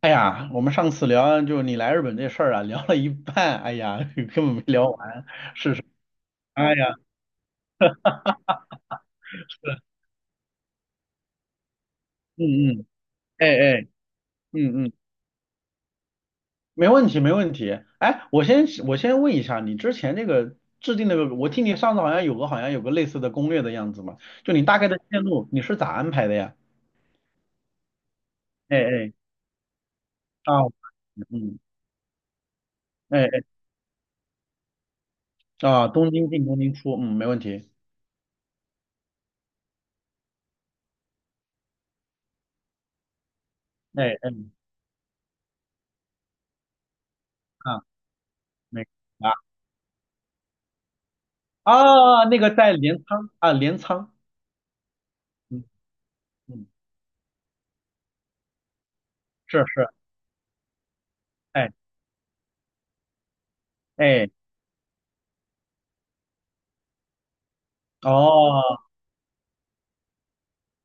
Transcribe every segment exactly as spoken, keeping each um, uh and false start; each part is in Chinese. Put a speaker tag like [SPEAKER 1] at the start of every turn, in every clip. [SPEAKER 1] 哎呀，我们上次聊就你来日本这事儿啊，聊了一半，哎呀，根本没聊完。哎呀，嗯嗯，哎哎，嗯嗯，没问题没问题。哎，我先我先问一下，你之前那个制定那个，我听你上次好像有个好像有个类似的攻略的样子嘛，就你大概的线路你是咋安排的呀？哎哎，啊，嗯，哎哎，啊，东京进东京出，嗯，没问题。哎哎，啊，没啊啊，那个在镰仓啊，镰仓，嗯嗯，是是，哎。哎哦，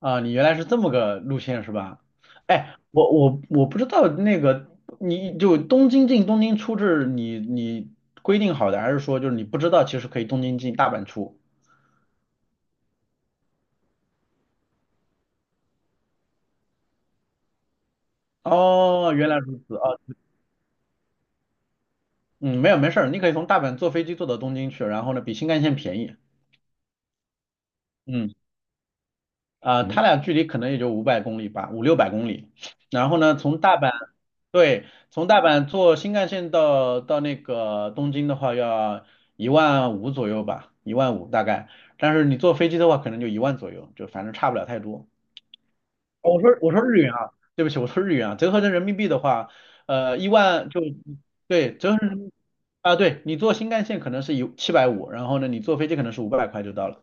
[SPEAKER 1] 啊，你原来是这么个路线是吧？哎，我我我不知道那个，你就东京进东京出是你你规定好的，还是说就是你不知道其实可以东京进大阪出？哦，原来如此啊，嗯，没有没事儿，你可以从大阪坐飞机坐到东京去，然后呢比新干线便宜，嗯，啊、它俩距离可能也就五百公里吧，五六百公里，然后呢从大阪对，从大阪坐新干线到到那个东京的话，要一万五左右吧，一万五大概。但是你坐飞机的话，可能就一万左右，就反正差不了太多。哦我说我说日元啊，对不起，我说日元啊，折合成人民币的话，呃，一万就对，折合成人民币啊，对你坐新干线可能是一七百五，七百五十然后呢，你坐飞机可能是五百块就到了。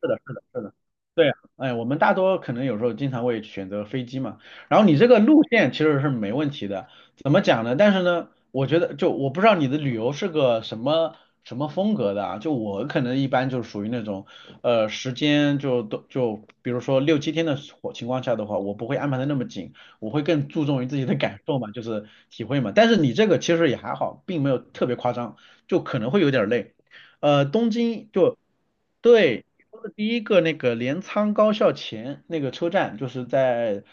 [SPEAKER 1] 是的，是的，是的，对啊，哎，我们大多可能有时候经常会选择飞机嘛，然后你这个路线其实是没问题的，怎么讲呢？但是呢，我觉得就我不知道你的旅游是个什么什么风格的啊，就我可能一般就属于那种，呃，时间就都就比如说六七天的火情况下的话，我不会安排的那么紧，我会更注重于自己的感受嘛，就是体会嘛。但是你这个其实也还好，并没有特别夸张，就可能会有点累。呃，东京就对，说的第一个那个镰仓高校前那个车站，就是在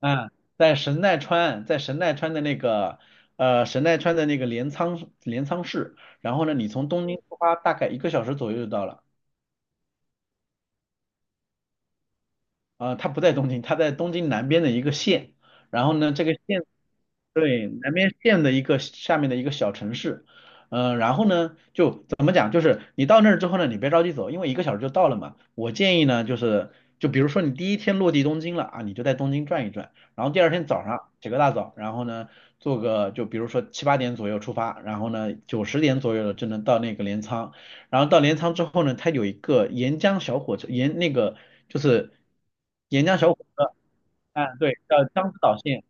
[SPEAKER 1] 嗯，在神奈川，在神奈川的那个呃神奈川的那个镰仓镰仓市，然后呢，你从东京出发大概一个小时左右就到了。啊，他不在东京，他在东京南边的一个县，然后呢，这个县。对，南边县的一个下面的一个小城市，嗯、然后呢，就怎么讲，就是你到那儿之后呢，你别着急走，因为一个小时就到了嘛。我建议呢，就是就比如说你第一天落地东京了啊，你就在东京转一转，然后第二天早上起个大早，然后呢，做个就比如说七八点左右出发，然后呢九十点左右了就能到那个镰仓，然后到镰仓之后呢，它有一个沿江小火车，沿那个就是沿江小火车，嗯，对，叫江之岛线，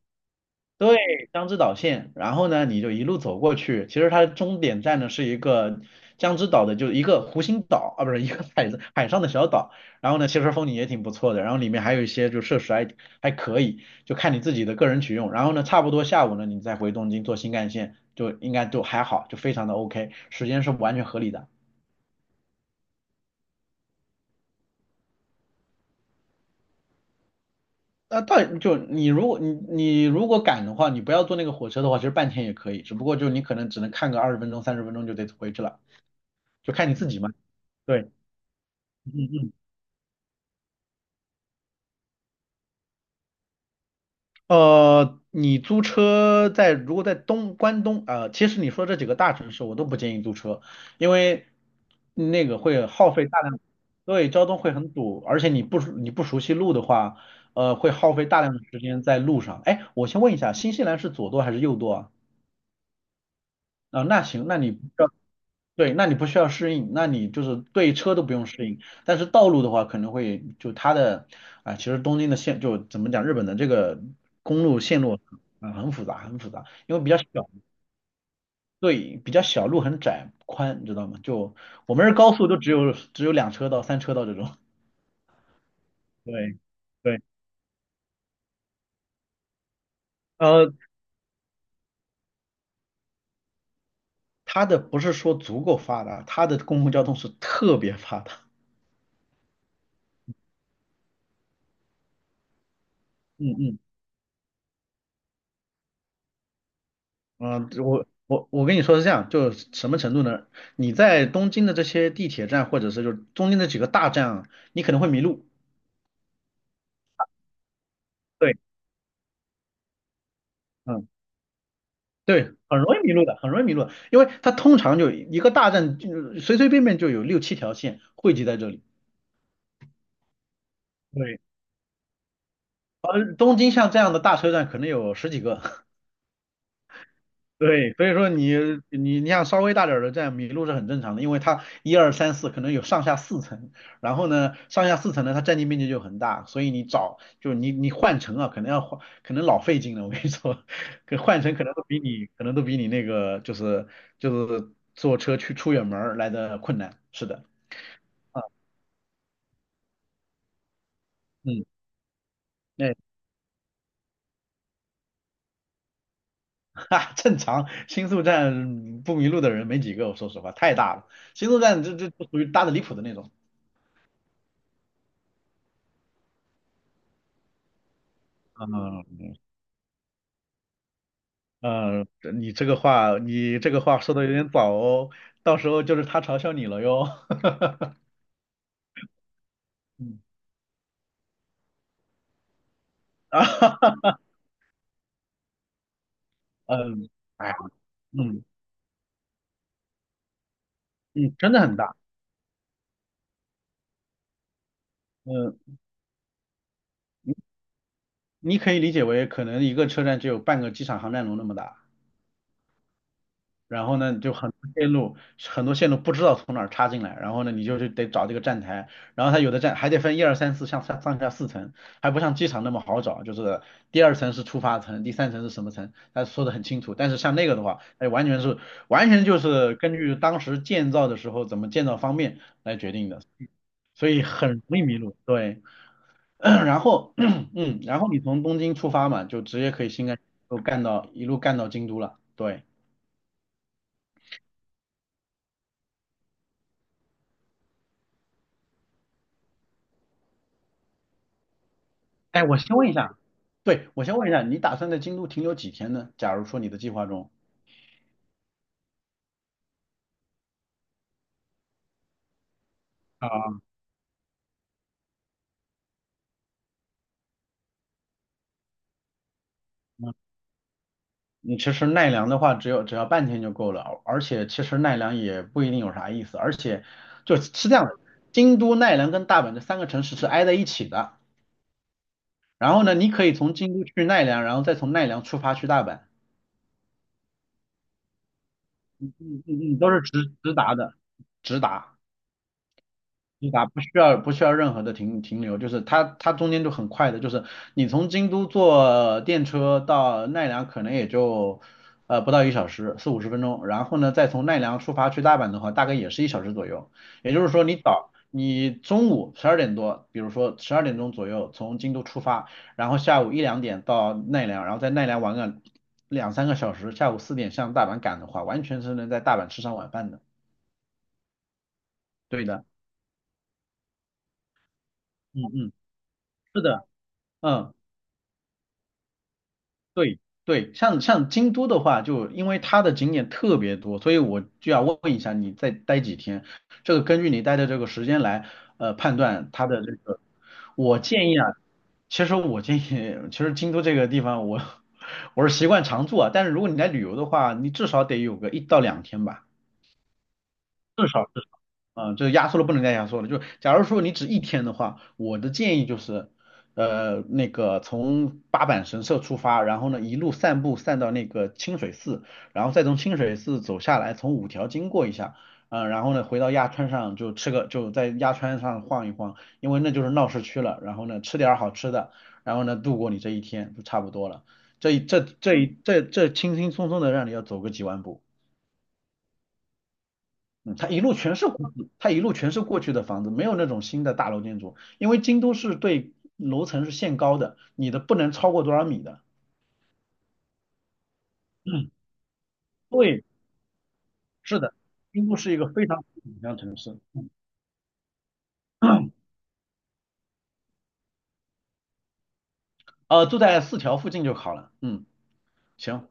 [SPEAKER 1] 对，江之岛线。然后呢，你就一路走过去，其实它的终点站呢是一个江之岛的，就是一个湖心岛啊，不是一个海海上的小岛。然后呢，其实风景也挺不错的，然后里面还有一些就设施还还可以，就看你自己的个人取用。然后呢，差不多下午呢，你再回东京坐新干线，就应该就还好，就非常的 OK，时间是完全合理的。那到就你如果你你如果赶的话，你不要坐那个火车的话，其实半天也可以，只不过就你可能只能看个二十分钟、三十分钟就得回去了，就看你自己嘛。对，嗯嗯。呃，你租车在如果在东关东啊、呃其实你说这几个大城市我都不建议租车，因为那个会耗费大量，对，交通会很堵，而且你不熟你不熟悉路的话，呃，会耗费大量的时间在路上。哎，我先问一下，新西兰是左舵还是右舵啊？啊、那行，那你对，那你不需要适应，那你就是对车都不用适应，但是道路的话可能会就它的啊、其实东京的线就怎么讲，日本的这个公路线路啊、很复杂，很复杂，因为比较小，对，比较小，路很窄宽，你知道吗？就我们是高速都只有只有两车道、三车道这种，对对，呃，它的不是说足够发达，它的公共交通是特别发达，嗯嗯。嗯，我我我跟你说是这样，就是什么程度呢？你在东京的这些地铁站，或者是就中间的几个大站啊，你可能会迷路。对，嗯，对，很容易迷路的，很容易迷路的，因为它通常就一个大站，就是随随便便就有六七条线汇集在这里。对，东京像这样的大车站可能有十几个，对，所以说你你你像稍微大点儿的站迷路是很正常的，因为它一二三四可能有上下四层，然后呢上下四层呢它占地面积就很大，所以你找就你你换乘啊，可能要换可能老费劲了，我跟你说，可换乘可能都比你可能都比你那个就是就是坐车去出远门儿来的困难，是的，啊嗯，那、哈，正常，新宿站不迷路的人没几个，我说实话太大了，新宿站这这这属于大的离谱的那种，嗯。嗯，这你这个话，你这个话说的有点早哦，到时候就是他嘲笑你了哟。嗯啊，嗯，哎呀，嗯嗯，真的很大，嗯，你可以理解为可能一个车站只有半个机场航站楼那么大。然后呢，你就很多线路，很多线路不知道从哪儿插进来，然后呢，你就是得找这个站台，然后它有的站还得分一二三四，像上上下四层，还不像机场那么好找，就是第二层是出发层，第三层是什么层，他说的很清楚。但是像那个的话，哎，完全是完全就是根据当时建造的时候怎么建造方便来决定的，所以很容易迷路。对，然后 嗯，然后你从东京出发嘛，就直接可以新干都干到一路干到京都了。对。哎，我先问一下，对，我先问一下，你打算在京都停留几天呢？假如说你的计划中，啊，你其实奈良的话，只有只要半天就够了，而且其实奈良也不一定有啥意思，而且就是这样的，京都、奈良跟大阪这三个城市是挨在一起的，然后呢，你可以从京都去奈良，然后再从奈良出发去大阪，嗯嗯嗯，都是直直达的，直达。直达不需要不需要任何的停停留，就是它它中间就很快的，就是你从京都坐电车到奈良可能也就呃不到一小时，四五十分钟，然后呢再从奈良出发去大阪的话，大概也是一小时左右。也就是说你早你中午十二点多，比如说十二点钟左右从京都出发，然后下午一两点到奈良，然后在奈良玩个两三个小时，下午四点向大阪赶的话，完全是能在大阪吃上晚饭的。对的，嗯嗯，是的，嗯。对对，像像京都的话，就因为它的景点特别多，所以我就要问一下你再待几天，这个根据你待的这个时间来，呃，判断它的这个。我建议啊，其实我建议，其实京都这个地方我 我是习惯常住啊，但是如果你来旅游的话，你至少得有个一到两天吧，至少。嗯，就是压缩了不能再压缩了。就假如说你只一天的话，我的建议就是，呃，那个从八坂神社出发，然后呢一路散步散到那个清水寺，然后再从清水寺走下来，从五条经过一下，嗯、然后呢回到鸭川上就吃个就在鸭川上晃一晃，因为那就是闹市区了。然后呢吃点儿好吃的，然后呢度过你这一天就差不多了。这一这这一这这轻轻松松的让你要走个几万步。嗯，它一路全是过去，它一路全是过去的房子，没有那种新的大楼建筑，因为京都是对楼层是限高的，你的不能超过多少米的。对，是的，京都是一个非常紧张城市，呃，住在四条附近就好了。嗯，行，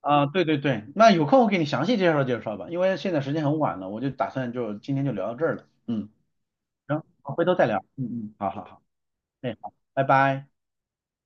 [SPEAKER 1] 啊、对对对，那有空我给你详细介绍介绍吧，因为现在时间很晚了，我就打算就今天就聊到这儿了。嗯，行，好回头再聊。嗯嗯，好好好，哎，好，拜拜。